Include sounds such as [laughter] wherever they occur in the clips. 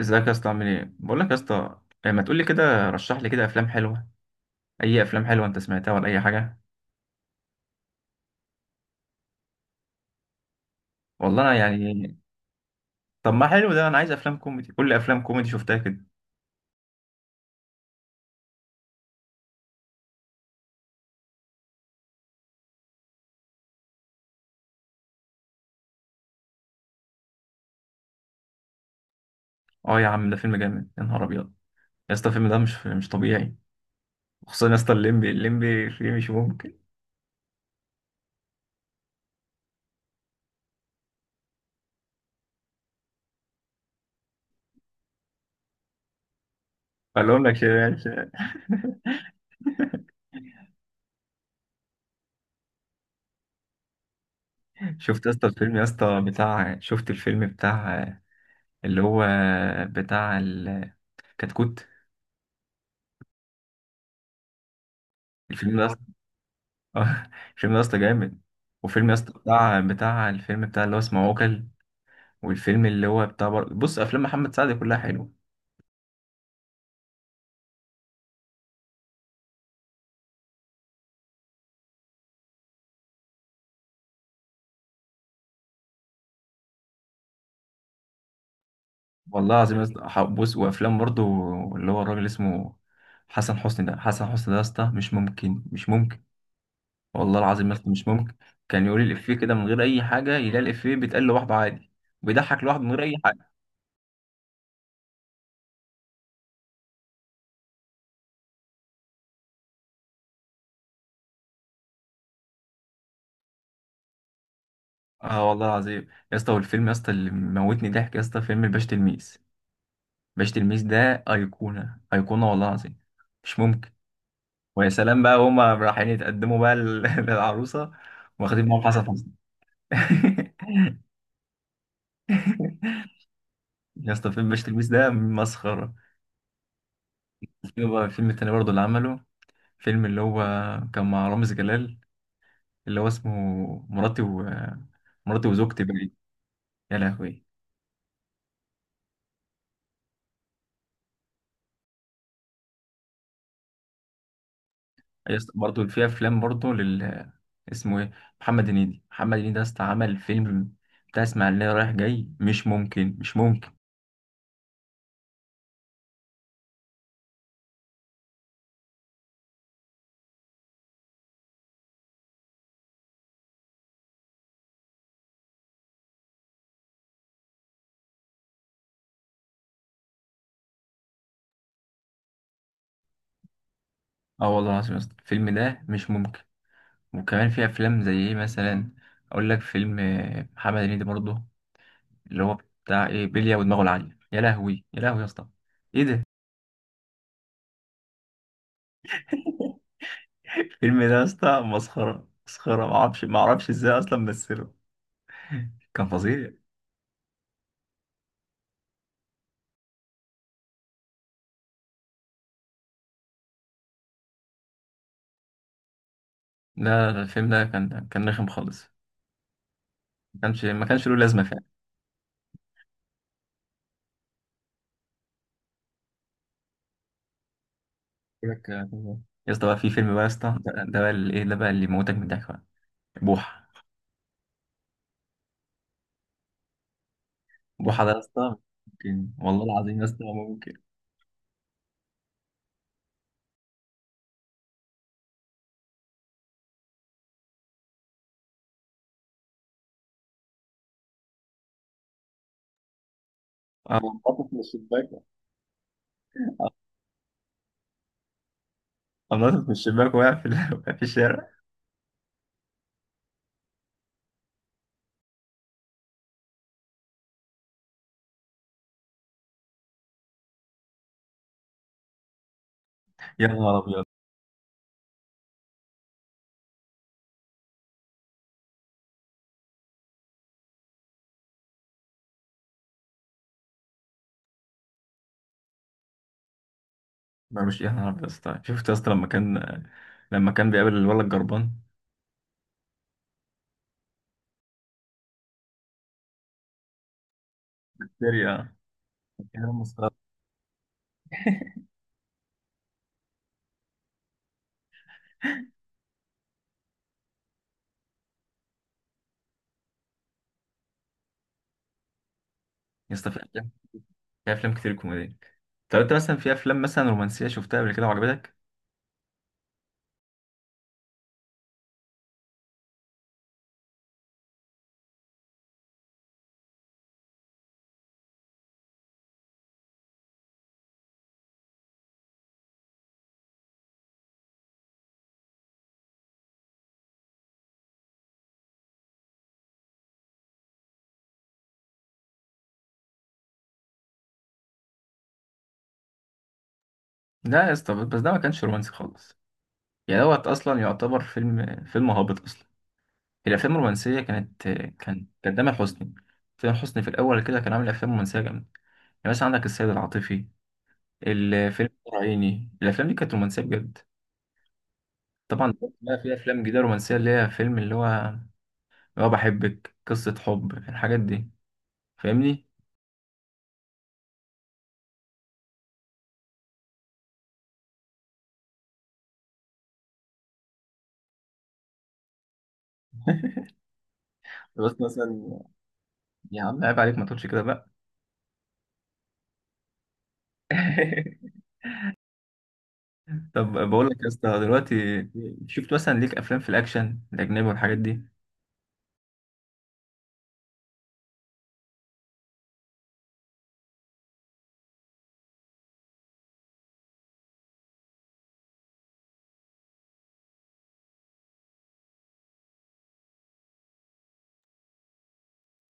ازيك يا اسطى، عامل ايه؟ بقول لك يا اسطى ما تقول لي كده، رشح لي كده افلام حلوه. اي افلام حلوه انت سمعتها ولا اي حاجه؟ والله انا يعني طب ما حلو ده، انا عايز افلام كوميدي، كل افلام كوميدي شفتها كده. اه يا عم ده فيلم جامد، يا نهار ابيض. يا اسطى الفيلم ده مش طبيعي. خصوصا يا اسطى الليمبي فيه مش ممكن. اقول لك شيء يعني شيء. شفت يا اسطى الفيلم يا اسطى بتاع، شفت الفيلم بتاع اللي هو بتاع الكتكوت؟ الفيلم ده يا [laughs] اه، فيلم يا اسطى جامد. وفيلم يا اسطى بتاع الفيلم بتاع اللي هو اسمه عوكل. والفيلم اللي هو بتاع بص، افلام محمد سعد كلها حلوه. والله العظيم يا اسطى، بص، وافلام برضو اللي هو الراجل اسمه حسن حسني. ده حسن حسني ده يا اسطى مش ممكن. والله العظيم يا اسطى مش ممكن. كان يقول الافيه كده من غير اي حاجه، يلاقي الافيه بيتقال لوحده عادي. بيضحك لوحده من غير اي حاجه. اه والله العظيم يا اسطى، والفيلم يا اسطى اللي موتني ضحك يا اسطى فيلم الباشا تلميذ. الباشا تلميذ ده ايقونه والله العظيم، مش ممكن. ويا سلام بقى هما رايحين يتقدموا بقى [laughs] للعروسه، واخدين معاهم حسن حسني. [laughs] يا اسطى فيلم باشا تلميذ ده مسخره. في بقى الفيلم التاني برضه اللي عمله، فيلم اللي هو كان مع رامز جلال، اللي هو اسمه مراتي و مراتي وزوجتي بقى. يا لهوي. يا اسطى برضه في افلام برضه لل اسمه ايه، محمد هنيدي يا اسطى، عمل فيلم بتاع اسماعيليه رايح جاي، مش ممكن. اه والله العظيم يا اسطى الفيلم ده مش ممكن. وكمان في افلام زي ايه مثلا، اقول لك فيلم محمد هنيدي برضه، اللي هو بتاع ايه، بلية ودماغه العالية. يا لهوي يا لهوي يا اسطى، ايه ده؟ [laughs] الفيلم ده يا اسطى مسخرة، معرفش ازاي اصلا مثله، كان فظيع. لا لا، الفيلم ده كان رخم خالص، ما كانش له لازمة فعلا. بقول لك، يا اسطى بقى في فيلم بقى يا اسطى، ده بقى اللي ايه، ده بقى اللي يموتك من الضحك بقى، بوحة. بوحة ده يا اسطى ممكن، والله العظيم يا اسطى ممكن. انا بنطط من الشباك، نطت من الشباك، وقع [laughs] في الشارع. يا نهار ابيض. ما مش يا نهار ابيض يا اسطى، شفت يا اسطى لما كان، لما كان بيقابل الولد الجربان، هيستيريا. يا مسخرة. يا اسطى في افلام، في افلام كتير كوميديه. طب انت مثلا في افلام مثلا رومانسيه شفتها قبل كده وعجبتك؟ لا يا اسطى، بس ده ما كانش رومانسي خالص، يعني دوت اصلا يعتبر فيلم هابط اصلا. الافلام الرومانسيه كانت، كان تامر حسني. تامر حسني في الاول كده كان عامل افلام رومانسيه جامده، يعني مثلا عندك السيد العاطفي، الفيلم العيني، الافلام دي كانت رومانسيه بجد. طبعا. بقى في افلام جديده رومانسيه اللي هي فيلم اللي هو، اللي هو بحبك، قصه حب، الحاجات دي، فاهمني؟ [laughs] بس مثلا، يا عم عيب عليك ما تقولش كده بقى. [laughs] طب بقول لك يا اسطى دلوقتي، شفت مثلا ليك افلام في الاكشن الاجنبي والحاجات دي؟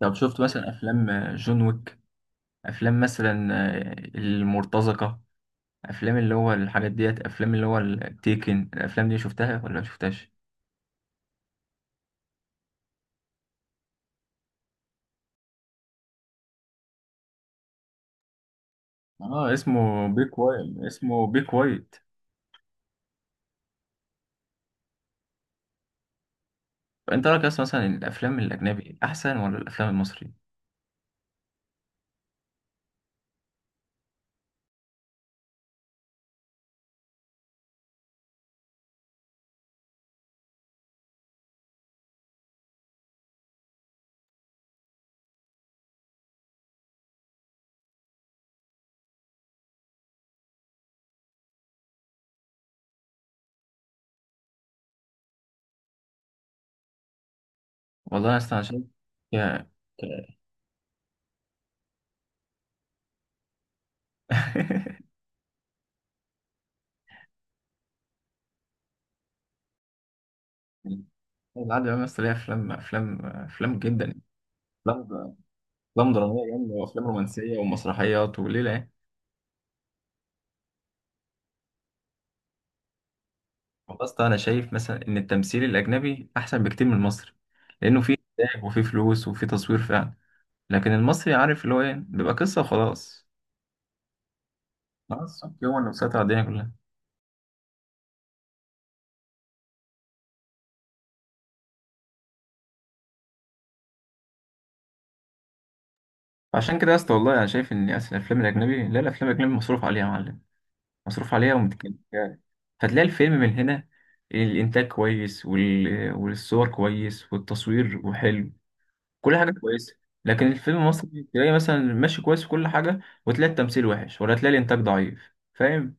طب شفت مثلا افلام جون ويك، افلام مثلا المرتزقه، افلام اللي هو الحاجات ديت، افلام اللي هو التيكن، الافلام دي شفتها ولا ما شفتهاش؟ اه اسمه بيك وايت، اسمه بيك وايت. انت رايك اصلا مثلا الافلام الاجنبي احسن ولا الافلام المصري؟ والله يا اسطى انا اصلا شايف، يا [laughs] العادة بقى مثلا ليها افلام جدا يعني. افلام، افلام دراميه جامده، وافلام رومانسيه ومسرحيات وليله يعني. والله يا اسطى انا شايف مثلا ان التمثيل الاجنبي احسن بكتير من المصري، لانه فيه انتاج وفيه فلوس وفيه تصوير فعلا. لكن المصري عارف اللي هو ايه، بيبقى قصه وخلاص. خلاص، هو اللي مسيطر على الدنيا كلها. فعشان كده يا اسطى والله انا شايف ان اصل الافلام الاجنبي، لا الافلام الاجنبي مصروف عليها يا معلم، مصروف عليها ومتكلف يعني. فتلاقي الفيلم من هنا الإنتاج كويس، والصور كويس والتصوير وحلو، كل حاجة كويسة. لكن الفيلم المصري تلاقي مثلا ماشي كويس في كل حاجة، وتلاقي التمثيل وحش، ولا تلاقي الإنتاج ضعيف، فاهم؟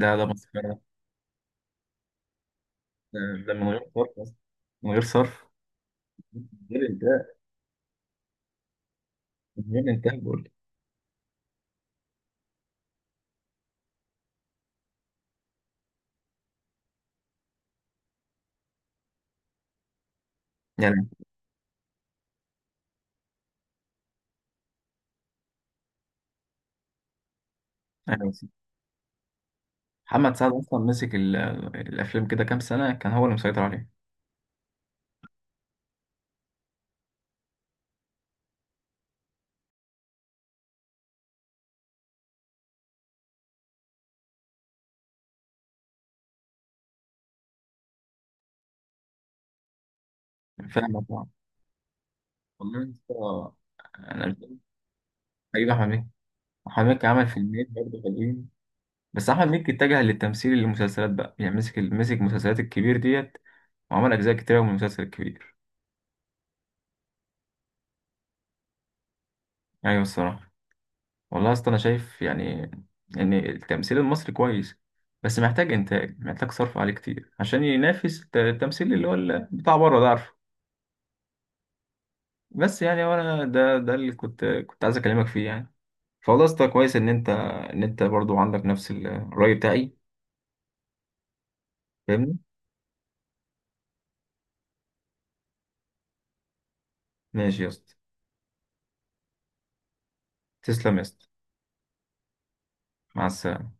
ده مسخرة، ده ده من غير صرف أصلا، من غير صرف، من غير إنتاج، من غير إنتاج بقول لك. يعني أنا نسيت. محمد سعد أصلا مسك الأفلام كده كام سنة، كان هو اللي مسيطر عليها، فاهم طبعا. والله يا اسطى، أنا مش- حبيبي أحمد مكي. أحمد مكي عمل فيلمين برضه حلوين، بس أحمد مكي اتجه للتمثيل للمسلسلات بقى يعني، مسك المسلسلات الكبير ديت، وعمل أجزاء كتيرة من المسلسل الكبير. أيوة الصراحة. والله يا اسطى أنا شايف يعني إن التمثيل المصري كويس، بس محتاج إنتاج، محتاج صرف عليه كتير عشان ينافس التمثيل اللي هو بتاع بره ده، عارفه. بس يعني وأنا ده اللي كنت عايز أكلمك فيه يعني. فوالله يا اسطى كويس إن أنت برضه عندك نفس الرأي بتاعي، فاهمني؟ ماشي يا اسطى، تسلم يا اسطى، مع السلامة.